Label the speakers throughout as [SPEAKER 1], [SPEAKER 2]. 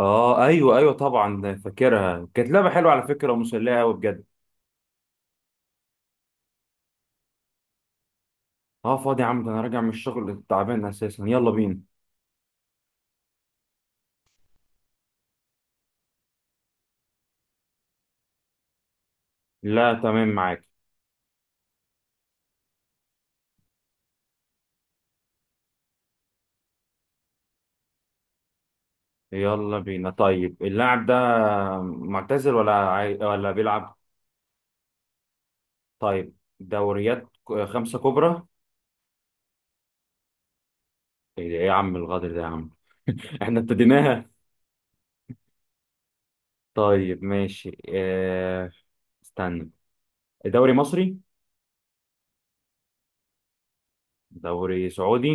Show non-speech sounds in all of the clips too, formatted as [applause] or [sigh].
[SPEAKER 1] اه، ايوه ايوه، طبعا فاكرها. كانت لعبه حلوه على فكره ومسليه قوي بجد. اه، فاضي يا عم، ده انا راجع من الشغل تعبان اساسا. يلا بينا. لا، تمام معاك. يلا بينا. طيب، اللاعب ده معتزل ولا ولا بيلعب؟ طيب، دوريات خمسه كبرى. إيه يا عم الغدر ده يا عم؟ [laughs] احنا ابتديناها. طيب ماشي. اه... استنى. دوري مصري. دوري سعودي.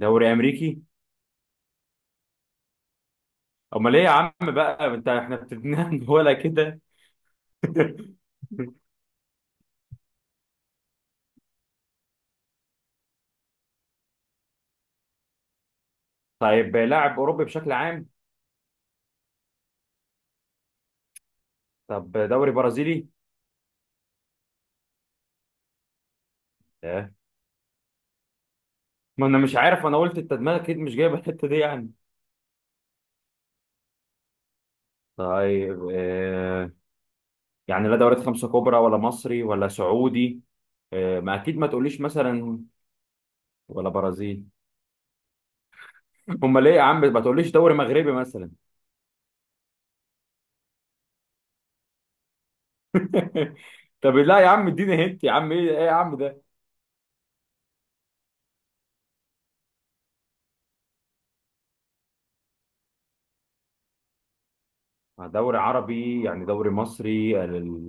[SPEAKER 1] دوري امريكي. امال ايه يا عم بقى انت، احنا ابتديناها من ولا كده؟ [laughs] طيب، لاعب اوروبي بشكل عام؟ طب دوري برازيلي؟ آه. ما انا مش عارف، انا قلت انت دماغك اكيد مش جايبه الحته دي يعني. طيب. آه. يعني لا دوريات خمسه كبرى ولا مصري ولا سعودي. آه. ما اكيد ما تقوليش مثلا ولا برازيل. امال ليه يا عم ما تقوليش دوري مغربي مثلا؟ [laughs] طب لا يا عم، اديني هنت يا عم، ايه ايه يا عم ده؟ دوري عربي يعني دوري مصري.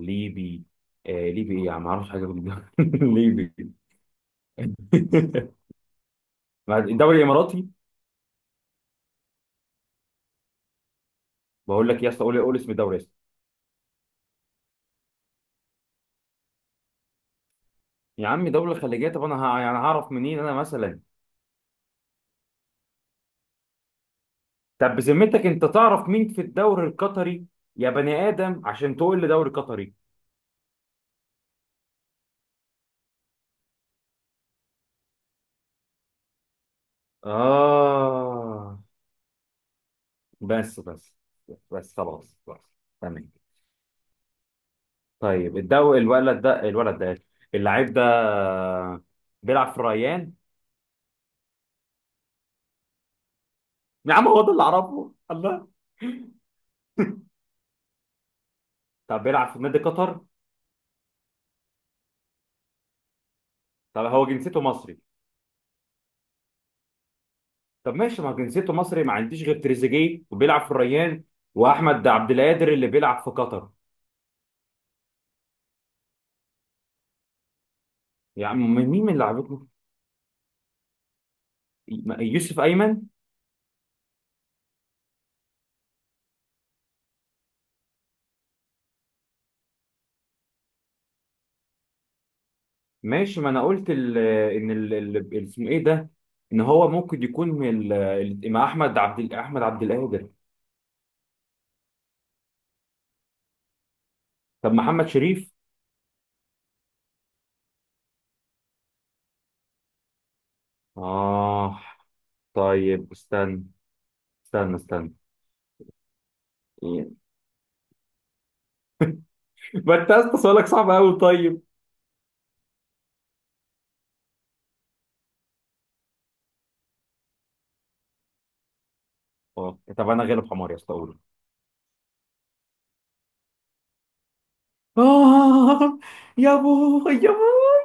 [SPEAKER 1] ليبي. آه ليبي، ايه يا عم ما اعرفش حاجه في الدوري [laughs] الليبي. [laughs] الدوري الاماراتي. بقول لك يا اسطى، قول قول اسم دوله يا اسطى. يا عم دوله خليجيه، طب انا يعني هعرف منين انا مثلا؟ طب بذمتك انت تعرف مين في الدوري القطري؟ يا بني ادم عشان تقول لي دوري قطري. اه. بس بس. بس خلاص خلاص. تمام. طيب الولد ده اللعيب ده بيلعب في الريان؟ يا عم هو ده اللي اعرفه، الله. طب بيلعب في نادي قطر؟ طب هو جنسيته مصري؟ طب ماشي، ما جنسيته مصري، ما عنديش غير تريزيجيه وبيلعب في الريان، واحمد عبد القادر اللي بيلعب في قطر. يا عم مين مين اللي لعبته؟ يوسف ايمن. ماشي، ما انا قلت ال ان ال- ال- اسمه ايه ده، ان هو ممكن يكون من مع احمد عبد القادر. طب محمد شريف. اه. طيب استنى. استنى استنى. [laughs] ما انت يا اسطى سؤالك صعب قوي. طيب. اه طب انا غالب حمار يا اسطى، قول. آه. يا بوي يا بوي.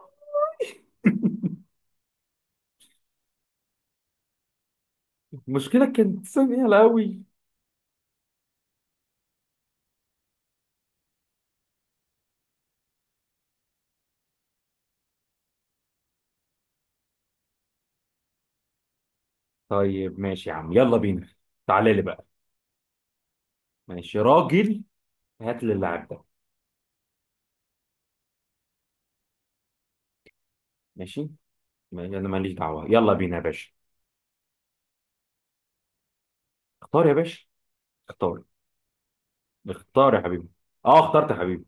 [SPEAKER 1] [laughs] المشكلة كانت سمينة أوي. طيب ماشي يا عم، يلا بينا. تعالى لي بقى. ماشي راجل. هات لي اللاعب ده. ماشي. أنا ماليش دعوة، يلا بينا يا باشا. اختار يا باشا. اختار. اختار يا حبيبي. اه اخترت يا حبيبي.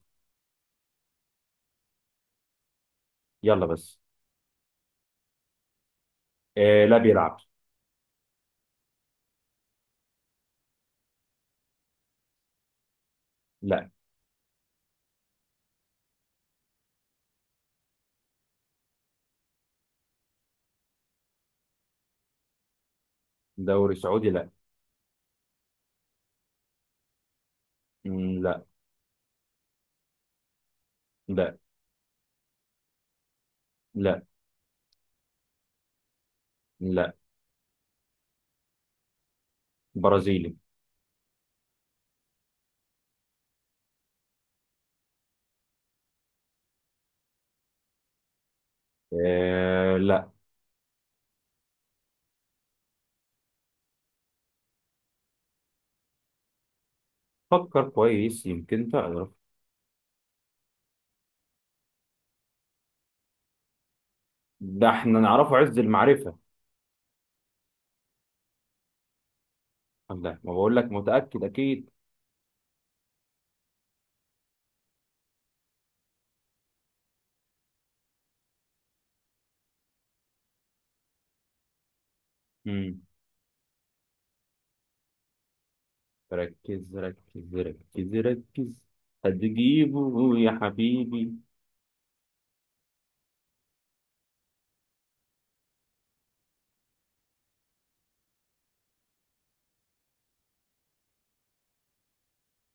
[SPEAKER 1] يلا بس. آه، لا بيلعب. لا. دوري سعودي لا. مم، لا. لا. لا. لا. برازيلي. آه لا. فكر كويس يمكن تعرف. ده احنا نعرفه عز المعرفة. ده ما بقول لك متأكد أكيد. مم. ركز ركز ركز ركز. هتجيبه يا حبيبي.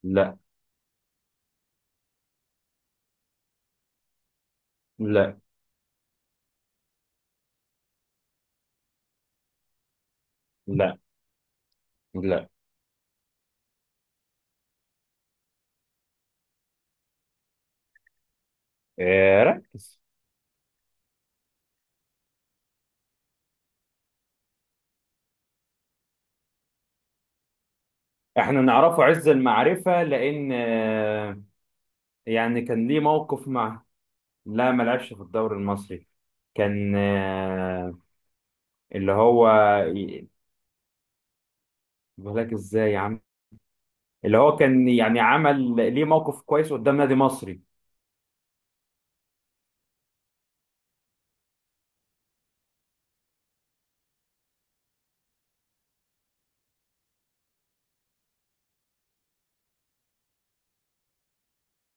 [SPEAKER 1] لا. لا. لا. لا. اه، ركز. احنا نعرفه عز المعرفة لأن آه، يعني كان ليه موقف مع- لا ما لعبش في الدوري المصري. كان آه، اللي هو- بقول لك ازاي يا عم. اللي هو كان يعني عمل ليه موقف كويس قدام نادي مصري.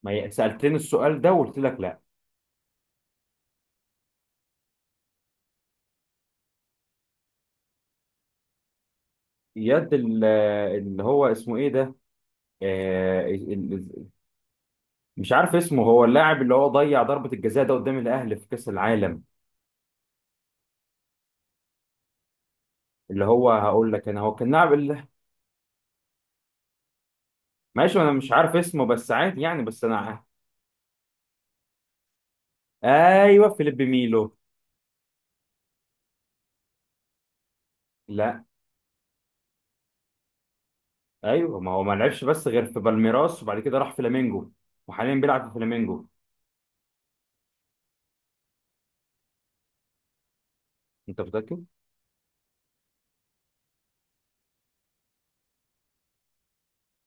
[SPEAKER 1] ما سألتني السؤال ده وقلت لك لا. يد ال- اللي هو اسمه ايه ده؟ آه، مش عارف اسمه. هو اللاعب اللي هو ضيع ضربة الجزاء ده قدام الاهلي في كأس العالم. اللي هو، هقول لك انا هو كان لاعب معلش انا مش عارف اسمه بس عادي يعني، بس انا ايوه فيليب ميلو. لا. ايوه، ما هو ما لعبش بس غير في بالميراس، وبعد كده راح فلامينجو. وحاليا بيلعب في فلامينجو. انت متأكد؟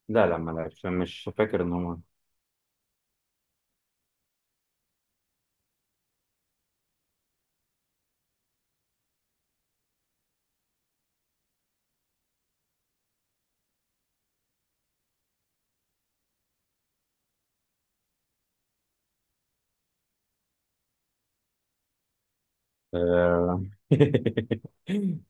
[SPEAKER 1] لا لا، ما لعبش. أنا مش فاكر ان هو. آه. [laughs]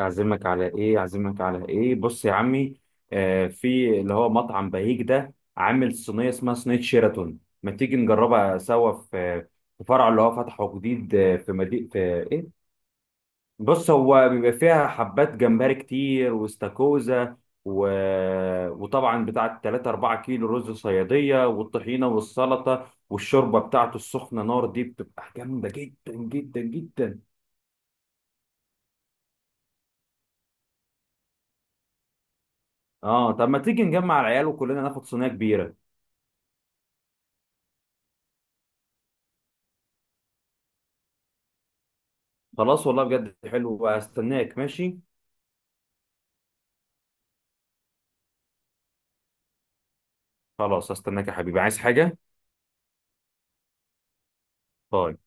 [SPEAKER 1] اعزمك على ايه؟ اعزمك على ايه؟ بص يا عمي، آه، في اللي هو مطعم بهيج ده عامل صينيه اسمها صينيه شيراتون. ما تيجي نجربها سوا في فرع اللي هو فتحه جديد، آه، في مدينه في- ايه؟ بص، هو بيبقى فيها حبات جمبري كتير واستاكوزا و... وطبعا بتاعه 3 4 كيلو رز صياديه والطحينه والسلطه والشوربه بتاعته السخنه نار، دي بتبقى جامده جدا جدا جدا. اه، طب ما تيجي نجمع العيال وكلنا ناخد صينيه كبيره. خلاص والله بجد حلو، هستناك ماشي. خلاص هستناك يا حبيبي، عايز حاجة؟ باي.